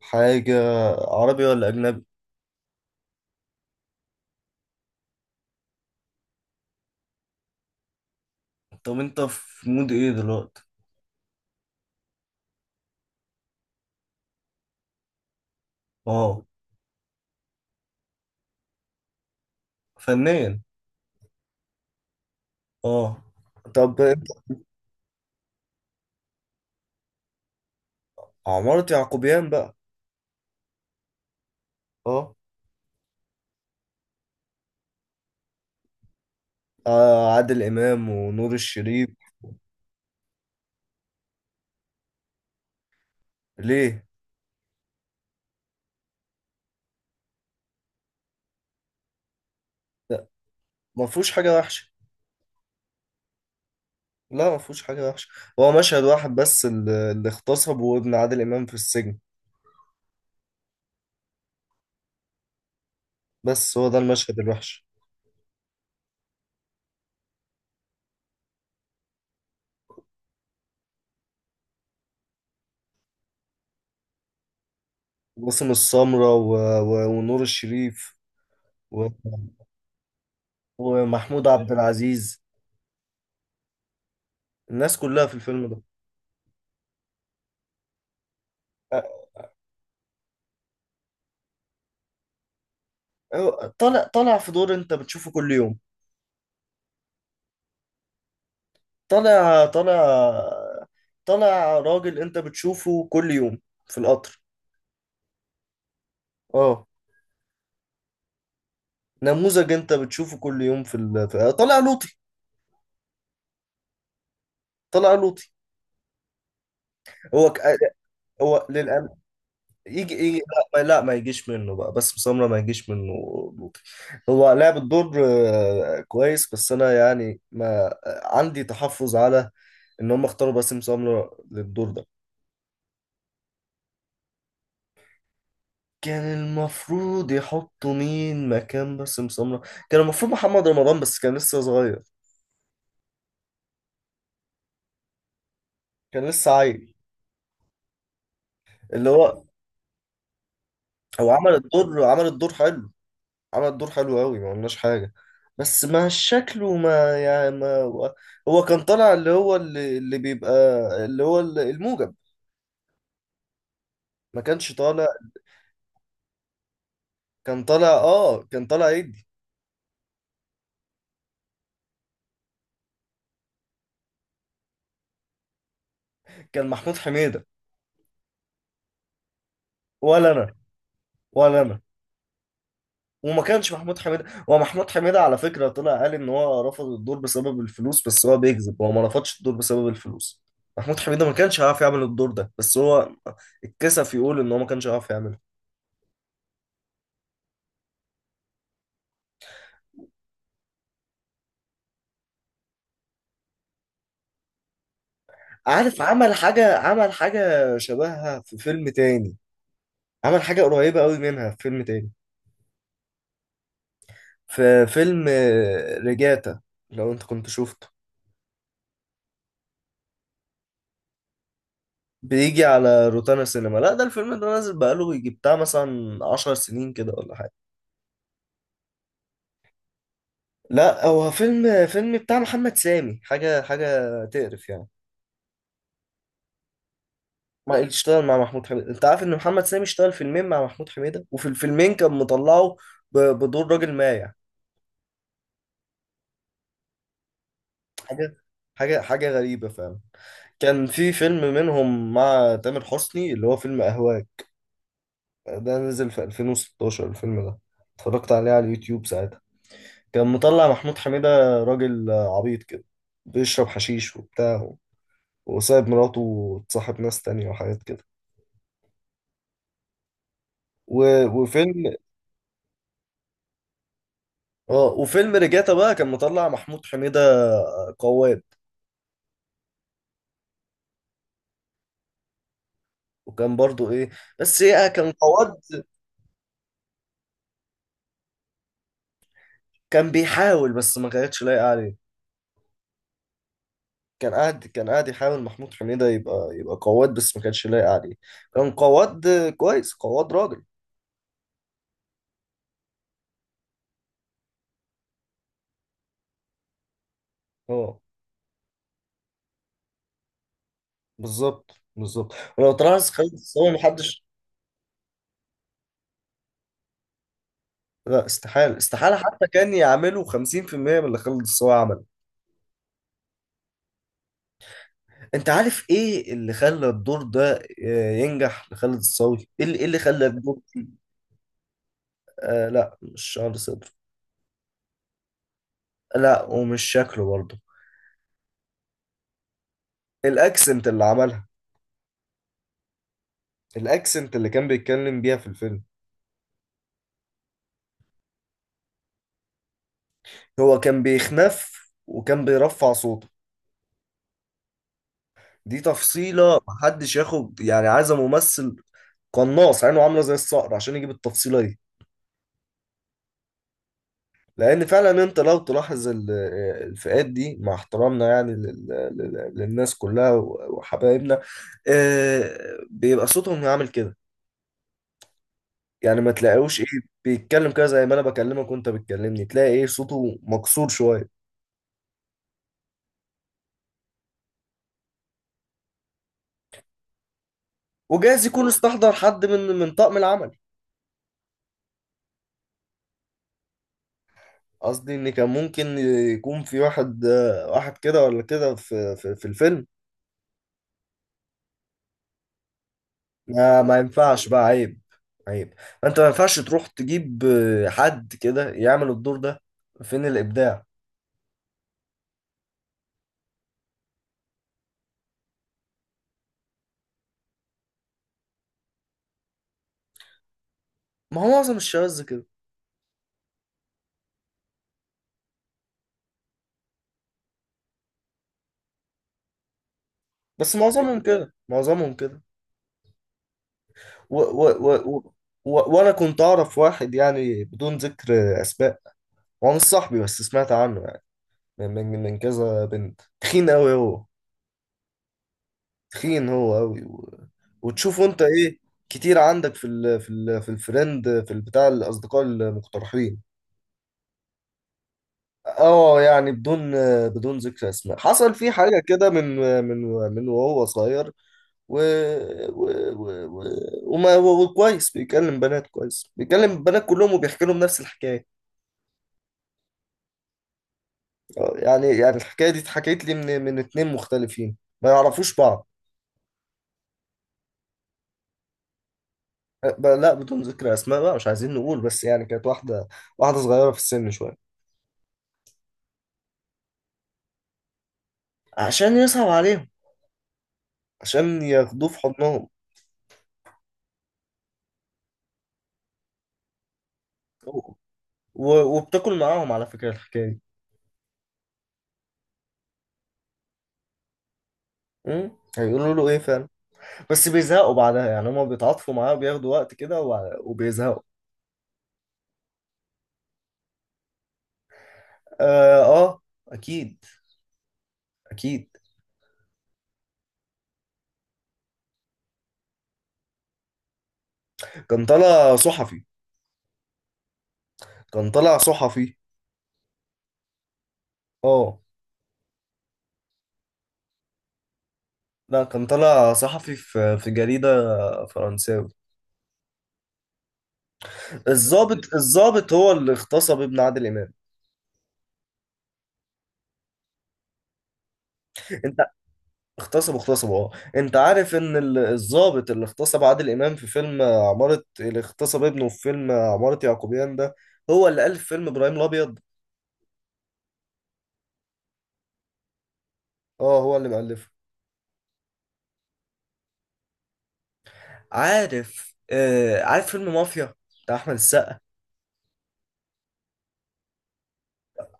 حاجة. عربي ولا أجنبي؟ طب أنت في مود إيه دلوقتي؟ أه. فنيا. أه. طب أنت. عمارة يعقوبيان بقى. أه. آه، عادل إمام ونور الشريف. ليه؟ ما فيهوش حاجة وحشة. لا، ما فيهوش حاجة وحشة. هو مشهد واحد بس اللي اغتصب وابن عادل إمام في السجن. بس هو ده المشهد الوحش. باسم السمرة ونور الشريف و... ومحمود عبد العزيز. الناس كلها في الفيلم ده. هو طالع في دور انت بتشوفه كل يوم. طالع طالع طالع راجل انت بتشوفه كل يوم في القطر. اه. نموذج انت بتشوفه كل يوم، طالع لوطي. طالع لوطي. هو ك... هو للأم... يجي يجي. لا، ما يجيش منه بقى، بس سمرة ما يجيش منه. لوطي. هو لعب الدور كويس، بس انا يعني ما عندي تحفظ على ان هم اختاروا باسم سمرة للدور ده. كان المفروض يحطوا مين مكان باسم سمرة؟ كان المفروض محمد رمضان، بس كان لسه صغير. كان لسه عيل. اللي هو هو عمل الدور حلو. عمل الدور حلو قوي، ما قلناش حاجة. بس ما شكله ما يعني ما هو. هو كان طالع اللي هو اللي بيبقى اللي هو الموجب. ما كانش طالع. كان طالع ايدي. كان محمود حميدة. ولا انا، ولا انا. وما كانش محمود حميدة. هو محمود حميدة على فكرة طلع قال إن هو رفض الدور بسبب الفلوس، بس هو بيكذب، هو ما رفضش الدور بسبب الفلوس. محمود حميدة ما كانش هيعرف يعمل الدور ده، بس هو اتكسف يقول إن هو ما كانش هيعرف يعمله. عارف. عمل حاجة شبهها في فيلم تاني. عمل حاجة قريبة قوي منها في فيلم تاني. في فيلم ريجاتا. لو أنت كنت شفته. بيجي على روتانا سينما. لا، ده الفيلم ده نازل بقاله يجي بتاع مثلا 10 سنين كده ولا حاجة. لا، هو فيلم بتاع محمد سامي، حاجة تقرف يعني. ما اشتغل مع محمود حميدة. انت عارف ان محمد سامي اشتغل فيلمين مع محمود حميدة، وفي الفيلمين كان مطلعه بدور راجل مايع. حاجة حاجة غريبة فعلا. كان في فيلم منهم مع تامر حسني اللي هو فيلم أهواك. ده نزل في 2016 الفيلم ده، اتفرجت عليه على اليوتيوب ساعتها. كان مطلع محمود حميدة راجل عبيط كده، بيشرب حشيش وبتاع، وسايب مراته وتصاحب ناس تانية وحاجات كده. و- وفيلم اه وفيلم رجاتا بقى كان مطلع محمود حميدة قواد. وكان برضو ايه. بس ايه كان قواد. كان بيحاول، بس ما كانتش لايقة عليه. كان قاعد يحاول محمود حميدة يبقى قواد، بس ما كانتش لايقة عليه. كان قواد، كويس قواد راجل. اه. بالظبط، بالظبط. ولو تلاحظ خالد الصاوي محدش. لا، استحالة، استحالة، حتى كان يعملوا 50% من اللي خالد الصاوي عمله. انت عارف ايه اللي خلى الدور ده ينجح لخالد الصاوي؟ ايه اللي إيه اللي خلى الدور؟ آه، لا، مش شعر صدره. لا، ومش شكله برضه. الاكسنت اللي عملها. الاكسنت اللي كان بيتكلم بيها في الفيلم. هو كان بيخنف وكان بيرفع صوته. دي تفصيلة، محدش ياخد يعني. عايز ممثل قناص عينه عاملة زي الصقر عشان يجيب التفصيلة دي. لان فعلا انت لو تلاحظ الفئات دي، مع احترامنا يعني للناس كلها وحبايبنا. آه، بيبقى صوتهم عامل كده. يعني ما تلاقيوش ايه بيتكلم كده زي ما انا بكلمك وانت بتكلمني، تلاقي ايه صوته مكسور شويه. وجايز يكون استحضر حد من طاقم العمل. قصدي ان كان ممكن يكون في واحد واحد كده ولا كده في الفيلم. ما ينفعش بقى، عيب، عيب. انت ما ينفعش تروح تجيب حد كده يعمل الدور ده. فين الابداع؟ ما هو معظم الشواذ كده. بس معظمهم كده، معظمهم كده. و و و و و وانا كنت اعرف واحد يعني، بدون ذكر اسماء. هو مش صاحبي، بس سمعت عنه يعني من كذا بنت، تخين قوي هو. تخين هو قوي. وتشوفه انت ايه. كتير عندك في الفريند، في البتاع، الاصدقاء المقترحين. اه، يعني بدون ذكر اسماء. حصل فيه حاجه كده من من من وهو صغير. و... و... و... و... وكويس بيكلم بنات، كلهم، وبيحكي لهم نفس الحكايه. يعني الحكايه دي اتحكيت لي من اتنين مختلفين ما يعرفوش بعض. لا، بدون ذكر اسماء بقى، مش عايزين نقول، بس يعني كانت واحده. واحده صغيره في السن شويه. عشان يصعب عليهم. عشان ياخدوه في حضنهم. و... وبتاكل معاهم على فكره الحكايه دي. م؟ هيقولوا له ايه فعلا؟ بس بيزهقوا بعدها يعني، هما بيتعاطفوا معاه وبياخدوا وقت كده وبيزهقوا. آه، اه، اكيد، اكيد. كان طالع صحفي كان طالع صحفي. اه، لا، كان طالع صحفي في جريدة فرنساوي. الضابط هو اللي اغتصب ابن عادل امام. انت. اغتصب، اغتصب، اه. انت عارف ان الضابط اللي اغتصب عادل امام في فيلم عمارة، اللي اغتصب ابنه في فيلم عمارة يعقوبيان ده، هو اللي ألف فيلم ابراهيم الابيض. اه، هو اللي مألفه. عارف فيلم مافيا بتاع احمد السقا؟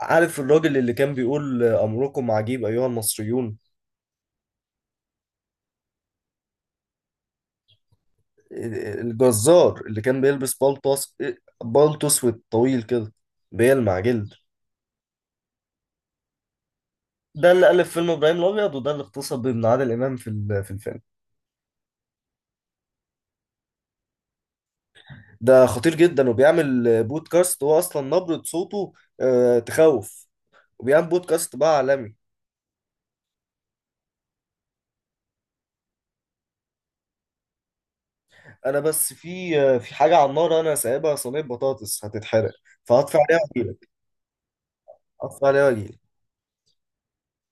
عارف الراجل اللي كان بيقول امركم عجيب ايها المصريون؟ الجزار اللي كان بيلبس بلطس، بلطو اسود طويل كده، بيلمع جلد. ده اللي ألف فيلم إبراهيم الأبيض، وده اللي اغتصب ابن عادل إمام في الفيلم. ده خطير جدا، وبيعمل بودكاست. هو أصلا نبرة صوته تخوف. وبيعمل بودكاست بقى عالمي. أنا بس في حاجة على النار، أنا سايبها صينية بطاطس هتتحرق. فهطفي عليها وأجيلك. اطفال واجي